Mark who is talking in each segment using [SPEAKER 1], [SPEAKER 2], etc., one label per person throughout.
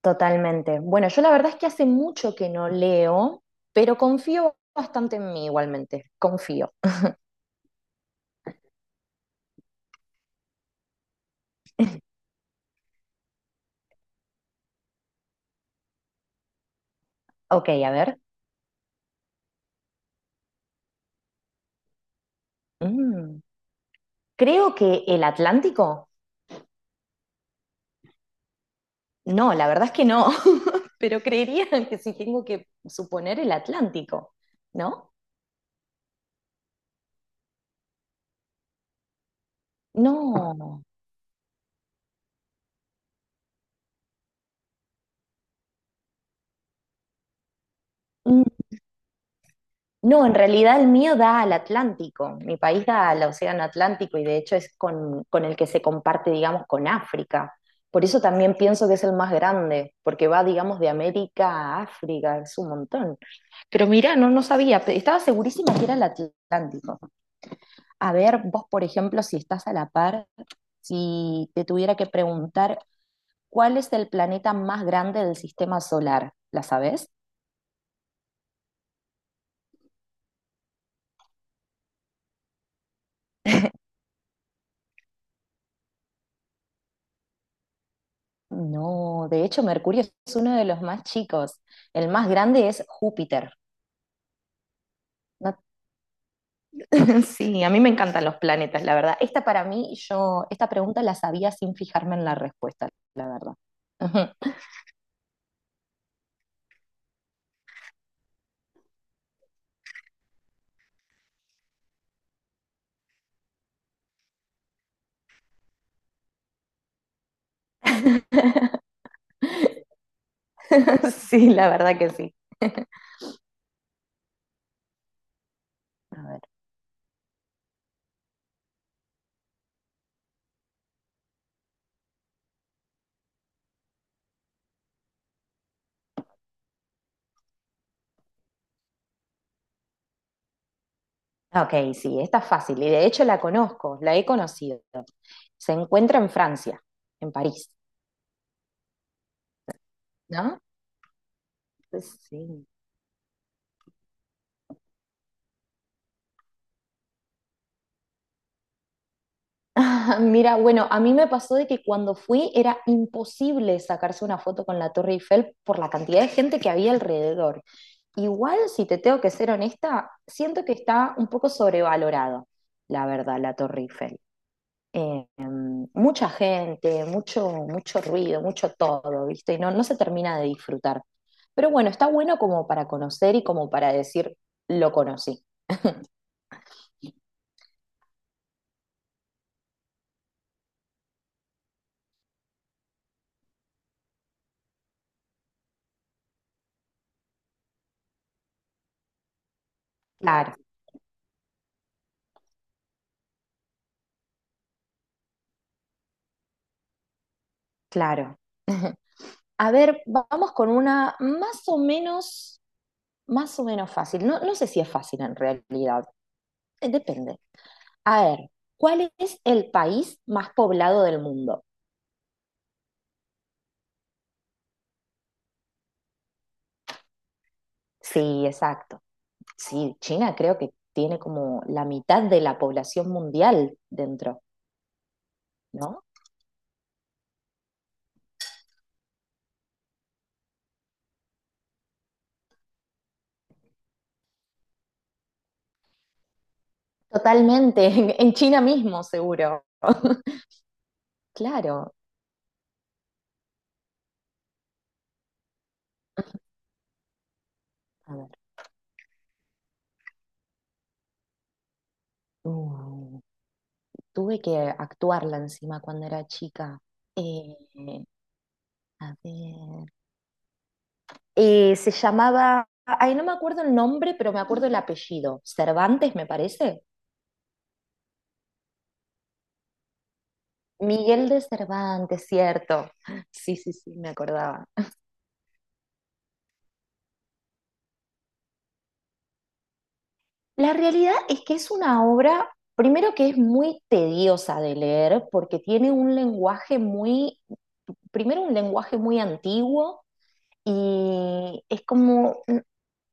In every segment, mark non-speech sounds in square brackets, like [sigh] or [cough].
[SPEAKER 1] Totalmente. Bueno, yo la verdad es que hace mucho que no leo, pero confío bastante en mí igualmente. Confío. Ok, a ver. Mm, creo que el Atlántico. No, la verdad es que no, [laughs] pero creería que si tengo que suponer el Atlántico, ¿no? No. No. No, en realidad el mío da al Atlántico, mi país da al Océano Atlántico y de hecho es con el que se comparte, digamos, con África. Por eso también pienso que es el más grande, porque va, digamos, de América a África, es un montón. Pero mira, no, no sabía, estaba segurísima que era el Atlántico. A ver, vos, por ejemplo, si estás a la par, si te tuviera que preguntar, ¿cuál es el planeta más grande del sistema solar? ¿La sabés? No, de hecho Mercurio es uno de los más chicos. El más grande es Júpiter. No- [laughs] Sí, a mí me encantan los planetas, la verdad. Esta para mí, yo, esta pregunta la sabía sin fijarme en la respuesta, la verdad. Ujú. [laughs] Sí, la verdad que sí. A ver. Ah, Ok, sí, esta es fácil y de hecho la conozco, la he conocido. Se encuentra en Francia, en París, ¿no? Sí. [laughs] Ah, Mira, bueno, a mí me pasó de que cuando fui era imposible sacarse una foto con la Torre Eiffel por la cantidad de gente que había alrededor. Igual, si te tengo que ser honesta, siento que está un poco sobrevalorada, la verdad, la Torre Eiffel. Em, mucha gente, mucho, mucho ruido, mucho todo, ¿viste? Y no, no se termina de disfrutar. Pero bueno, está bueno como para conocer y como para decir, lo conocí. Claro, claro. A ver, vamos con una más o menos fácil. No, no sé si es fácil en realidad. Depende. A ver, ¿cuál es el país más poblado del mundo? Sí, exacto. Sí, China creo que tiene como la mitad de la población mundial dentro, ¿no? Totalmente, en China mismo seguro. [laughs] Claro. A ver. Uh, tuve que actuarla encima cuando era chica. Eh, a ver. Se llamaba, ay, no me acuerdo el nombre, pero me acuerdo el apellido. Cervantes, me parece. Miguel de Cervantes, cierto. Sí, sí, sí, me acordaba. La realidad es que es una obra, primero que es muy tediosa de leer, porque tiene un lenguaje muy, primero un lenguaje muy antiguo y es como,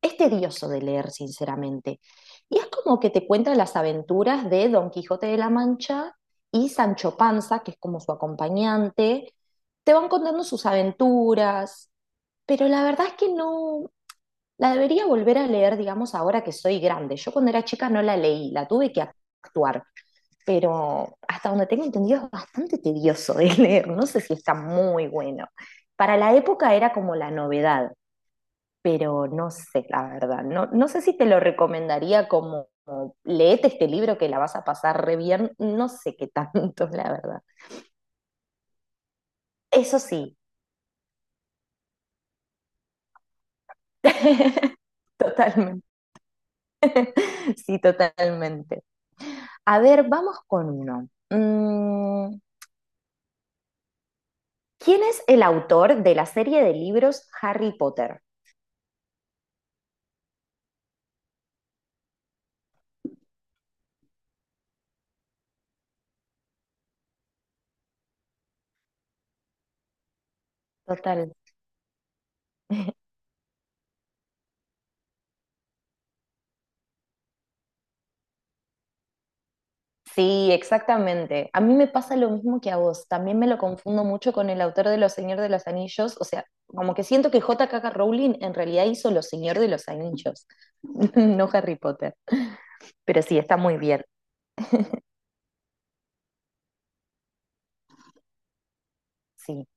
[SPEAKER 1] es tedioso de leer, sinceramente. Y es como que te cuenta las aventuras de Don Quijote de la Mancha y Sancho Panza, que es como su acompañante. Te van contando sus aventuras, pero la verdad es que no la debería volver a leer, digamos, ahora que soy grande. Yo cuando era chica no la leí, la tuve que actuar, pero hasta donde tengo entendido es bastante tedioso de [laughs] leer, no sé si está muy bueno. Para la época era como la novedad, pero no sé, la verdad. No, no sé si te lo recomendaría como, como, leete este libro que la vas a pasar re bien. No sé qué tanto, [laughs] la verdad. Eso sí. [laughs] Totalmente. [laughs] Sí, totalmente. A ver, vamos con uno. Mm, ¿quién es el autor de la serie de libros Harry Potter? Total. [laughs] Sí, exactamente. A mí me pasa lo mismo que a vos. También me lo confundo mucho con el autor de Los Señor de los Anillos. O sea, como que siento que J.K. Rowling en realidad hizo Los Señor de los Anillos, [laughs] no Harry Potter. Pero sí, está muy bien. Sí.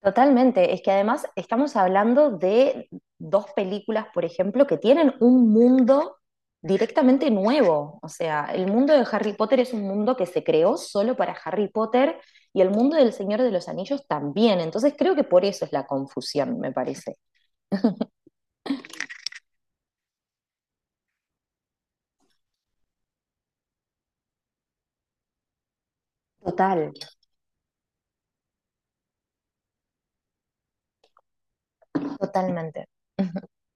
[SPEAKER 1] Totalmente, es que además estamos hablando de dos películas, por ejemplo, que tienen un mundo directamente nuevo. O sea, el mundo de Harry Potter es un mundo que se creó solo para Harry Potter y el mundo del Señor de los Anillos también. Entonces creo que por eso es la confusión, me parece. Total. Totalmente. [laughs]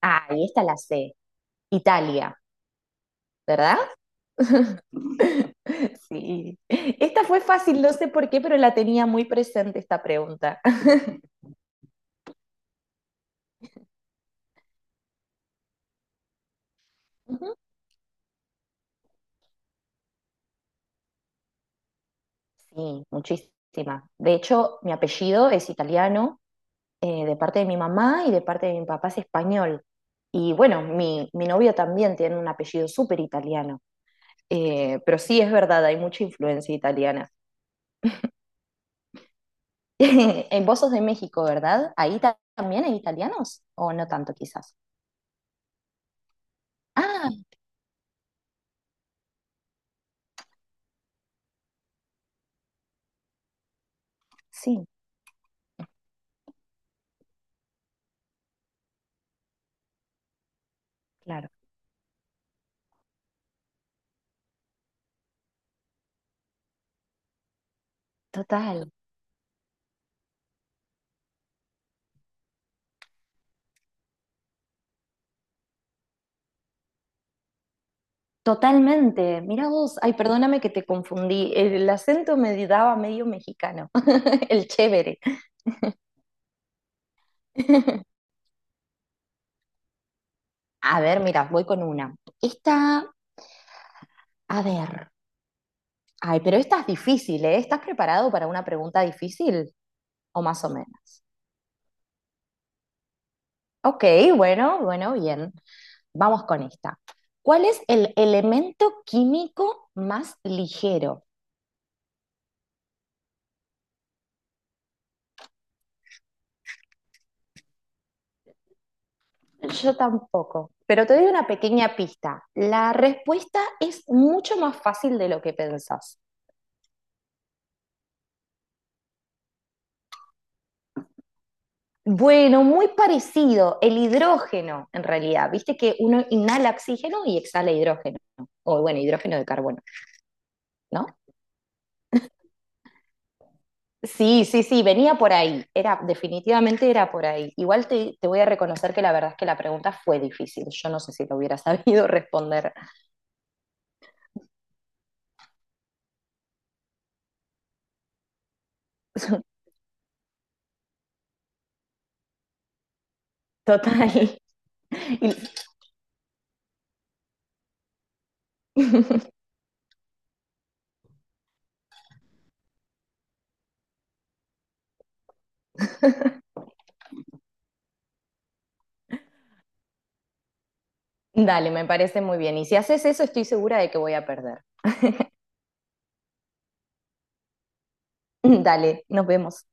[SPEAKER 1] Ah, y esta la sé. Italia, ¿verdad? [laughs] Sí. Esta fue fácil, no sé por qué, pero la tenía muy presente esta pregunta. [laughs] Sí, muchísima. De hecho, mi apellido es italiano, de parte de mi mamá y de parte de mi papá es español. Y bueno, mi novio también tiene un apellido súper italiano. Pero sí, es verdad, hay mucha influencia italiana. [laughs] En vos sos de México, ¿verdad? ¿Ahí también hay italianos? ¿O no tanto, quizás? Ah, sí, claro. Total, totalmente. Mira vos, ay, perdóname que te confundí. El acento me daba medio mexicano, [laughs] el chévere. [laughs] A ver, mira, voy con una. Esta, a ver. Ay, pero esta es difícil, ¿eh? ¿Estás preparado para una pregunta difícil? O más o menos. Ok, bueno, bueno, bien. Vamos con esta. ¿Cuál es el elemento químico más ligero? Yo tampoco, pero te doy una pequeña pista. La respuesta es mucho más fácil de lo que pensás. Bueno, muy parecido, el hidrógeno en realidad, viste que uno inhala oxígeno y exhala hidrógeno, o bueno, hidrógeno de carbono, ¿no? Sí, sí, sí, venía por ahí, era, definitivamente era por ahí. Igual te voy a reconocer que la verdad es que la pregunta fue difícil, yo no sé si lo hubiera sabido responder [laughs] total. Y- [laughs] Dale, me parece muy bien, y si haces eso estoy segura de que voy a perder. [laughs] Dale, nos vemos.